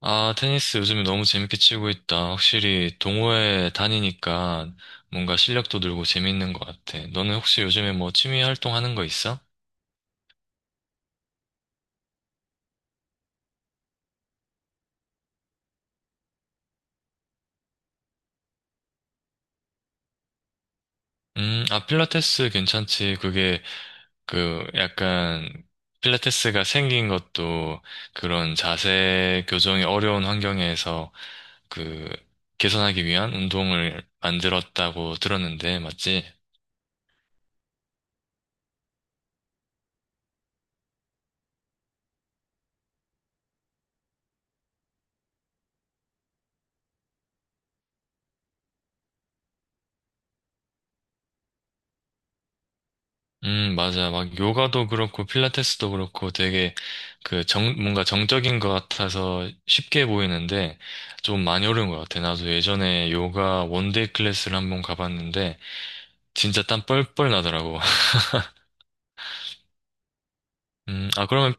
아, 테니스 요즘에 너무 재밌게 치고 있다. 확실히 동호회 다니니까 뭔가 실력도 늘고 재밌는 것 같아. 너는 혹시 요즘에 뭐 취미 활동 하는 거 있어? 아, 필라테스 괜찮지. 그게 그 약간 필라테스가 생긴 것도 그런 자세 교정이 어려운 환경에서 그 개선하기 위한 운동을 만들었다고 들었는데, 맞지? 맞아. 막 요가도 그렇고 필라테스도 그렇고 되게 그 뭔가 정적인 것 같아서 쉽게 보이는데 좀 많이 어려운 것 같아. 나도 예전에 요가 원데이 클래스를 한번 가봤는데 진짜 땀 뻘뻘 나더라고. 아, 그러면,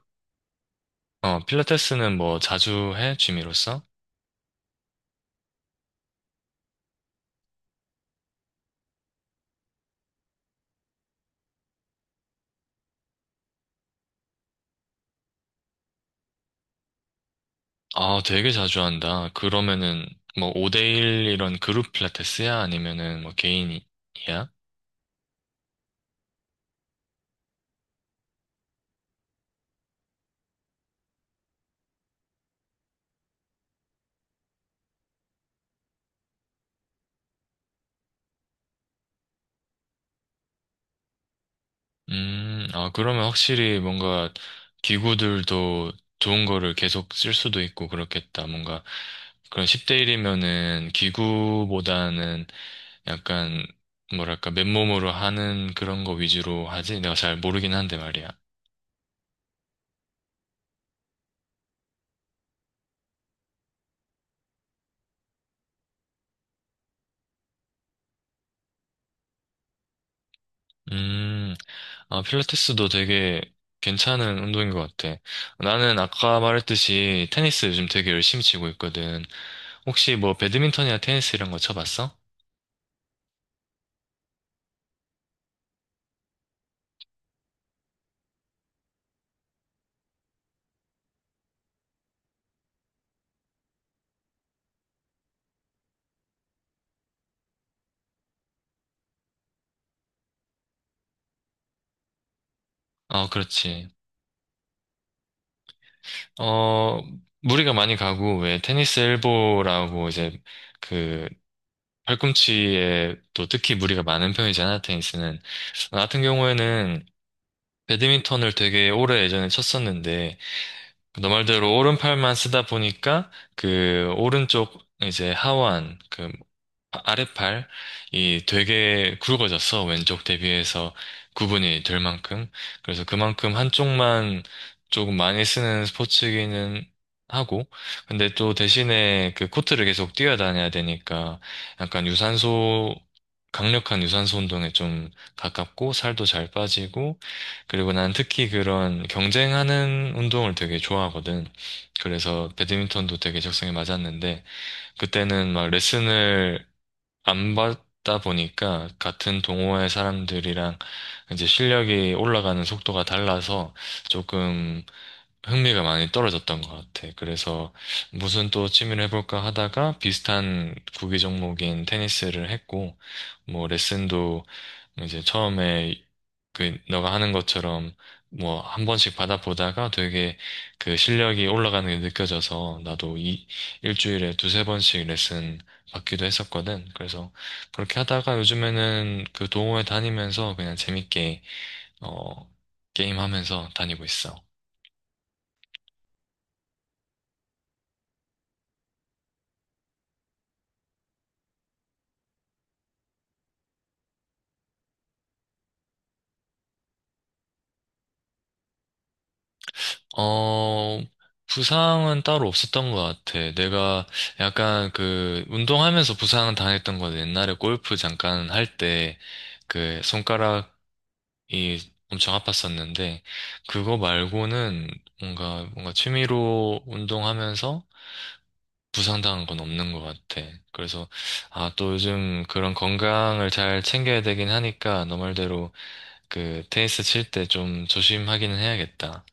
필라테스는 뭐 자주 해? 취미로서? 아, 되게 자주 한다. 그러면은 뭐 5대1 이런 그룹 필라테스야? 아니면은 뭐 개인이야? 아, 그러면 확실히 뭔가 기구들도 좋은 거를 계속 쓸 수도 있고 그렇겠다. 뭔가 그런 10대 1이면은 기구보다는 약간 뭐랄까 맨몸으로 하는 그런 거 위주로 하지? 내가 잘 모르긴 한데 말이야. 음, 아, 필라테스도 되게 괜찮은 운동인 것 같아. 나는 아까 말했듯이 테니스 요즘 되게 열심히 치고 있거든. 혹시 뭐 배드민턴이나 테니스 이런 거 쳐봤어? 아, 그렇지. 어, 무리가 많이 가고, 왜, 테니스 엘보라고 이제, 그, 팔꿈치에 또 특히 무리가 많은 편이잖아, 테니스는. 나 같은 경우에는 배드민턴을 되게 오래 예전에 쳤었는데, 너 말대로 오른팔만 쓰다 보니까 그 오른쪽 이제 하완 그 아랫팔이 되게 굵어졌어. 왼쪽 대비해서 구분이 될 만큼. 그래서 그만큼 한쪽만 조금 많이 쓰는 스포츠기는 하고 근데 또 대신에 그 코트를 계속 뛰어다녀야 되니까 약간 유산소 강력한 유산소 운동에 좀 가깝고 살도 잘 빠지고 그리고 난 특히 그런 경쟁하는 운동을 되게 좋아하거든. 그래서 배드민턴도 되게 적성에 맞았는데, 그때는 막 레슨을 안 받다 보니까 같은 동호회 사람들이랑 이제 실력이 올라가는 속도가 달라서 조금 흥미가 많이 떨어졌던 것 같아. 그래서 무슨 또 취미를 해볼까 하다가 비슷한 구기 종목인 테니스를 했고, 뭐 레슨도 이제 처음에 그 너가 하는 것처럼 뭐 한 번씩 받아보다가 되게 그 실력이 올라가는 게 느껴져서 나도 이 일주일에 두세 번씩 레슨 받기도 했었거든. 그래서 그렇게 하다가 요즘에는 그 동호회 다니면서 그냥 재밌게 어 게임하면서 다니고 있어. 어, 부상은 따로 없었던 것 같아. 내가 약간 그 운동하면서 부상 당했던 건 옛날에 골프 잠깐 할 때 그 손가락이 엄청 아팠었는데 그거 말고는 뭔가 취미로 운동하면서 부상당한 건 없는 것 같아. 그래서 아, 또 요즘 그런 건강을 잘 챙겨야 되긴 하니까 너 말대로 그 테니스 칠 때 좀 조심하기는 해야겠다.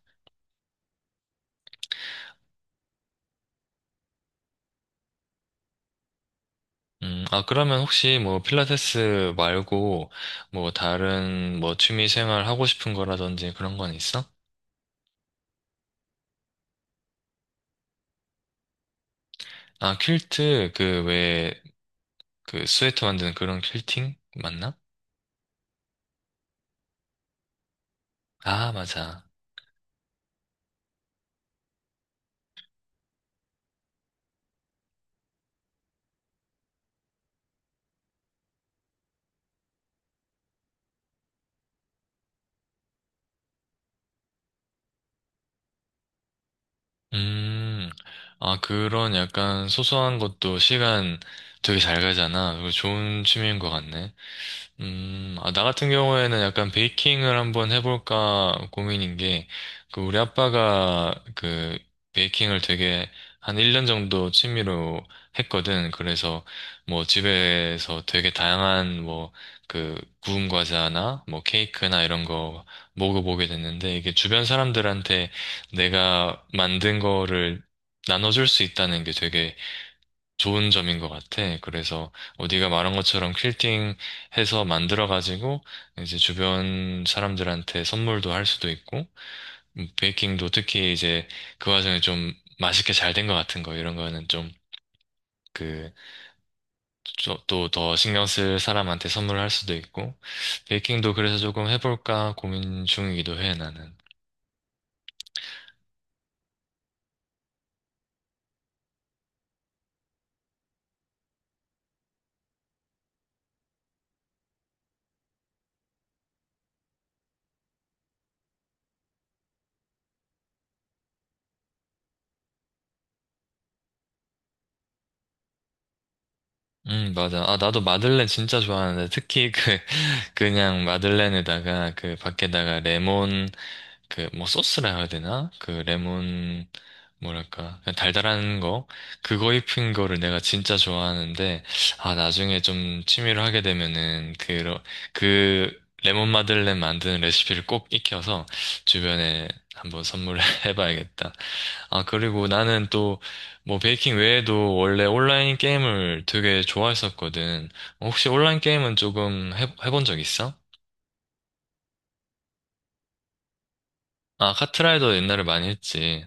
아, 그러면 혹시 뭐 필라테스 말고 뭐 다른 뭐 취미 생활 하고 싶은 거라든지 그런 건 있어? 아, 퀼트 그 왜 그 스웨터 만드는 그런 퀼팅 맞나? 아, 맞아. 음, 아, 그런 약간 소소한 것도 시간 되게 잘 가잖아. 그거 좋은 취미인 것 같네. 아, 나 같은 경우에는 약간 베이킹을 한번 해볼까 고민인 게, 그, 우리 아빠가 그, 베이킹을 되게 한 1년 정도 취미로 했거든. 그래서 뭐 집에서 되게 다양한 뭐, 그, 구운 과자나 뭐 케이크나 이런 거 먹어보게 됐는데, 이게 주변 사람들한테 내가 만든 거를 나눠줄 수 있다는 게 되게 좋은 점인 것 같아. 그래서 네가 말한 것처럼 퀼팅 해서 만들어가지고 이제 주변 사람들한테 선물도 할 수도 있고 베이킹도 특히 이제 그 와중에 좀 맛있게 잘 된 것 같은 거 이런 거는 좀 그, 또 더 신경 쓸 사람한테 선물을 할 수도 있고 베이킹도 그래서 조금 해볼까 고민 중이기도 해 나는. 맞아. 아, 나도 마들렌 진짜 좋아하는데, 특히 그, 그냥 마들렌에다가 그 밖에다가 레몬, 그 뭐 소스라 해야 되나? 그 레몬, 뭐랄까, 그냥 달달한 거? 그거 입힌 거를 내가 진짜 좋아하는데, 아, 나중에 좀 취미로 하게 되면은, 그, 그 레몬 마들렌 만드는 레시피를 꼭 익혀서 주변에 한번 선물해 봐야겠다. 아, 그리고 나는 또, 뭐, 베이킹 외에도 원래 온라인 게임을 되게 좋아했었거든. 혹시 온라인 게임은 조금 해본 적 있어? 아, 카트라이더 옛날에 많이 했지.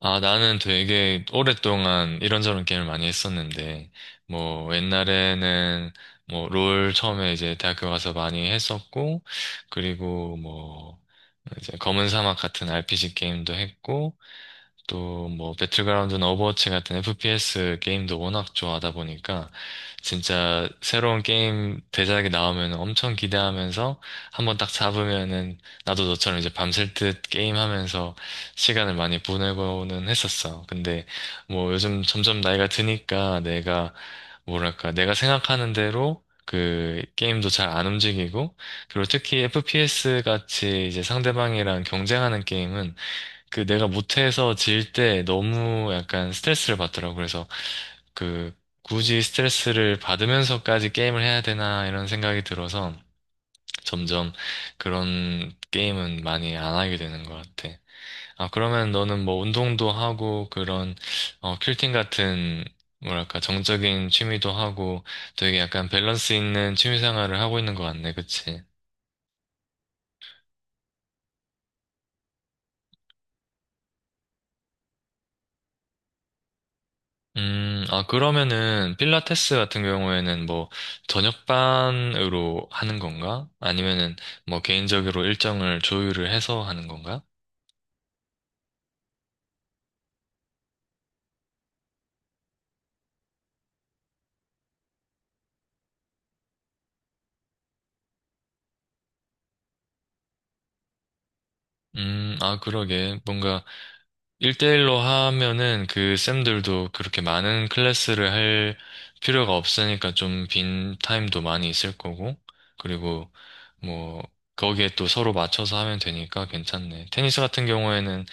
아, 나는 되게 오랫동안 이런저런 게임을 많이 했었는데, 뭐, 옛날에는, 뭐, 롤 처음에 이제 대학교 가서 많이 했었고, 그리고 뭐, 이제 검은 사막 같은 RPG 게임도 했고, 또 뭐 배틀그라운드나 오버워치 같은 FPS 게임도 워낙 좋아하다 보니까 진짜 새로운 게임 대작이 나오면 엄청 기대하면서 한번 딱 잡으면은 나도 너처럼 이제 밤샐 듯 게임하면서 시간을 많이 보내고는 했었어. 근데 뭐 요즘 점점 나이가 드니까 내가 뭐랄까 내가 생각하는 대로 그 게임도 잘 안 움직이고 그리고 특히 FPS 같이 이제 상대방이랑 경쟁하는 게임은 그 내가 못해서 질 때 너무 약간 스트레스를 받더라고. 그래서 그 굳이 스트레스를 받으면서까지 게임을 해야 되나 이런 생각이 들어서 점점 그런 게임은 많이 안 하게 되는 것 같아. 아, 그러면 너는 뭐 운동도 하고 그런 퀼팅 같은 뭐랄까 정적인 취미도 하고 되게 약간 밸런스 있는 취미 생활을 하고 있는 것 같네. 그치? 아, 그러면은, 필라테스 같은 경우에는 뭐, 저녁반으로 하는 건가? 아니면은, 뭐, 개인적으로 일정을 조율을 해서 하는 건가? 아, 그러게. 뭔가, 일대일로 하면은 그 쌤들도 그렇게 많은 클래스를 할 필요가 없으니까 좀 빈 타임도 많이 있을 거고, 그리고 뭐, 거기에 또 서로 맞춰서 하면 되니까 괜찮네. 테니스 같은 경우에는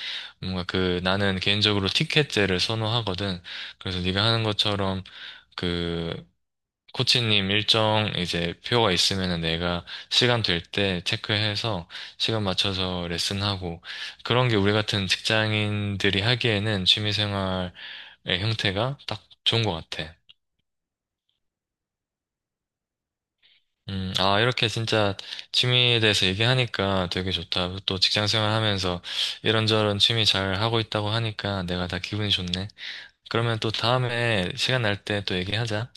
뭔가 그 나는 개인적으로 티켓제를 선호하거든. 그래서 네가 하는 것처럼 그 코치님 일정 이제 표가 있으면은 내가 시간 될 때 체크해서 시간 맞춰서 레슨하고 그런 게 우리 같은 직장인들이 하기에는 취미생활의 형태가 딱 좋은 것 같아. 아, 이렇게 진짜 취미에 대해서 얘기하니까 되게 좋다. 또 직장생활 하면서 이런저런 취미 잘 하고 있다고 하니까 내가 다 기분이 좋네. 그러면 또 다음에 시간 날 때 또 얘기하자.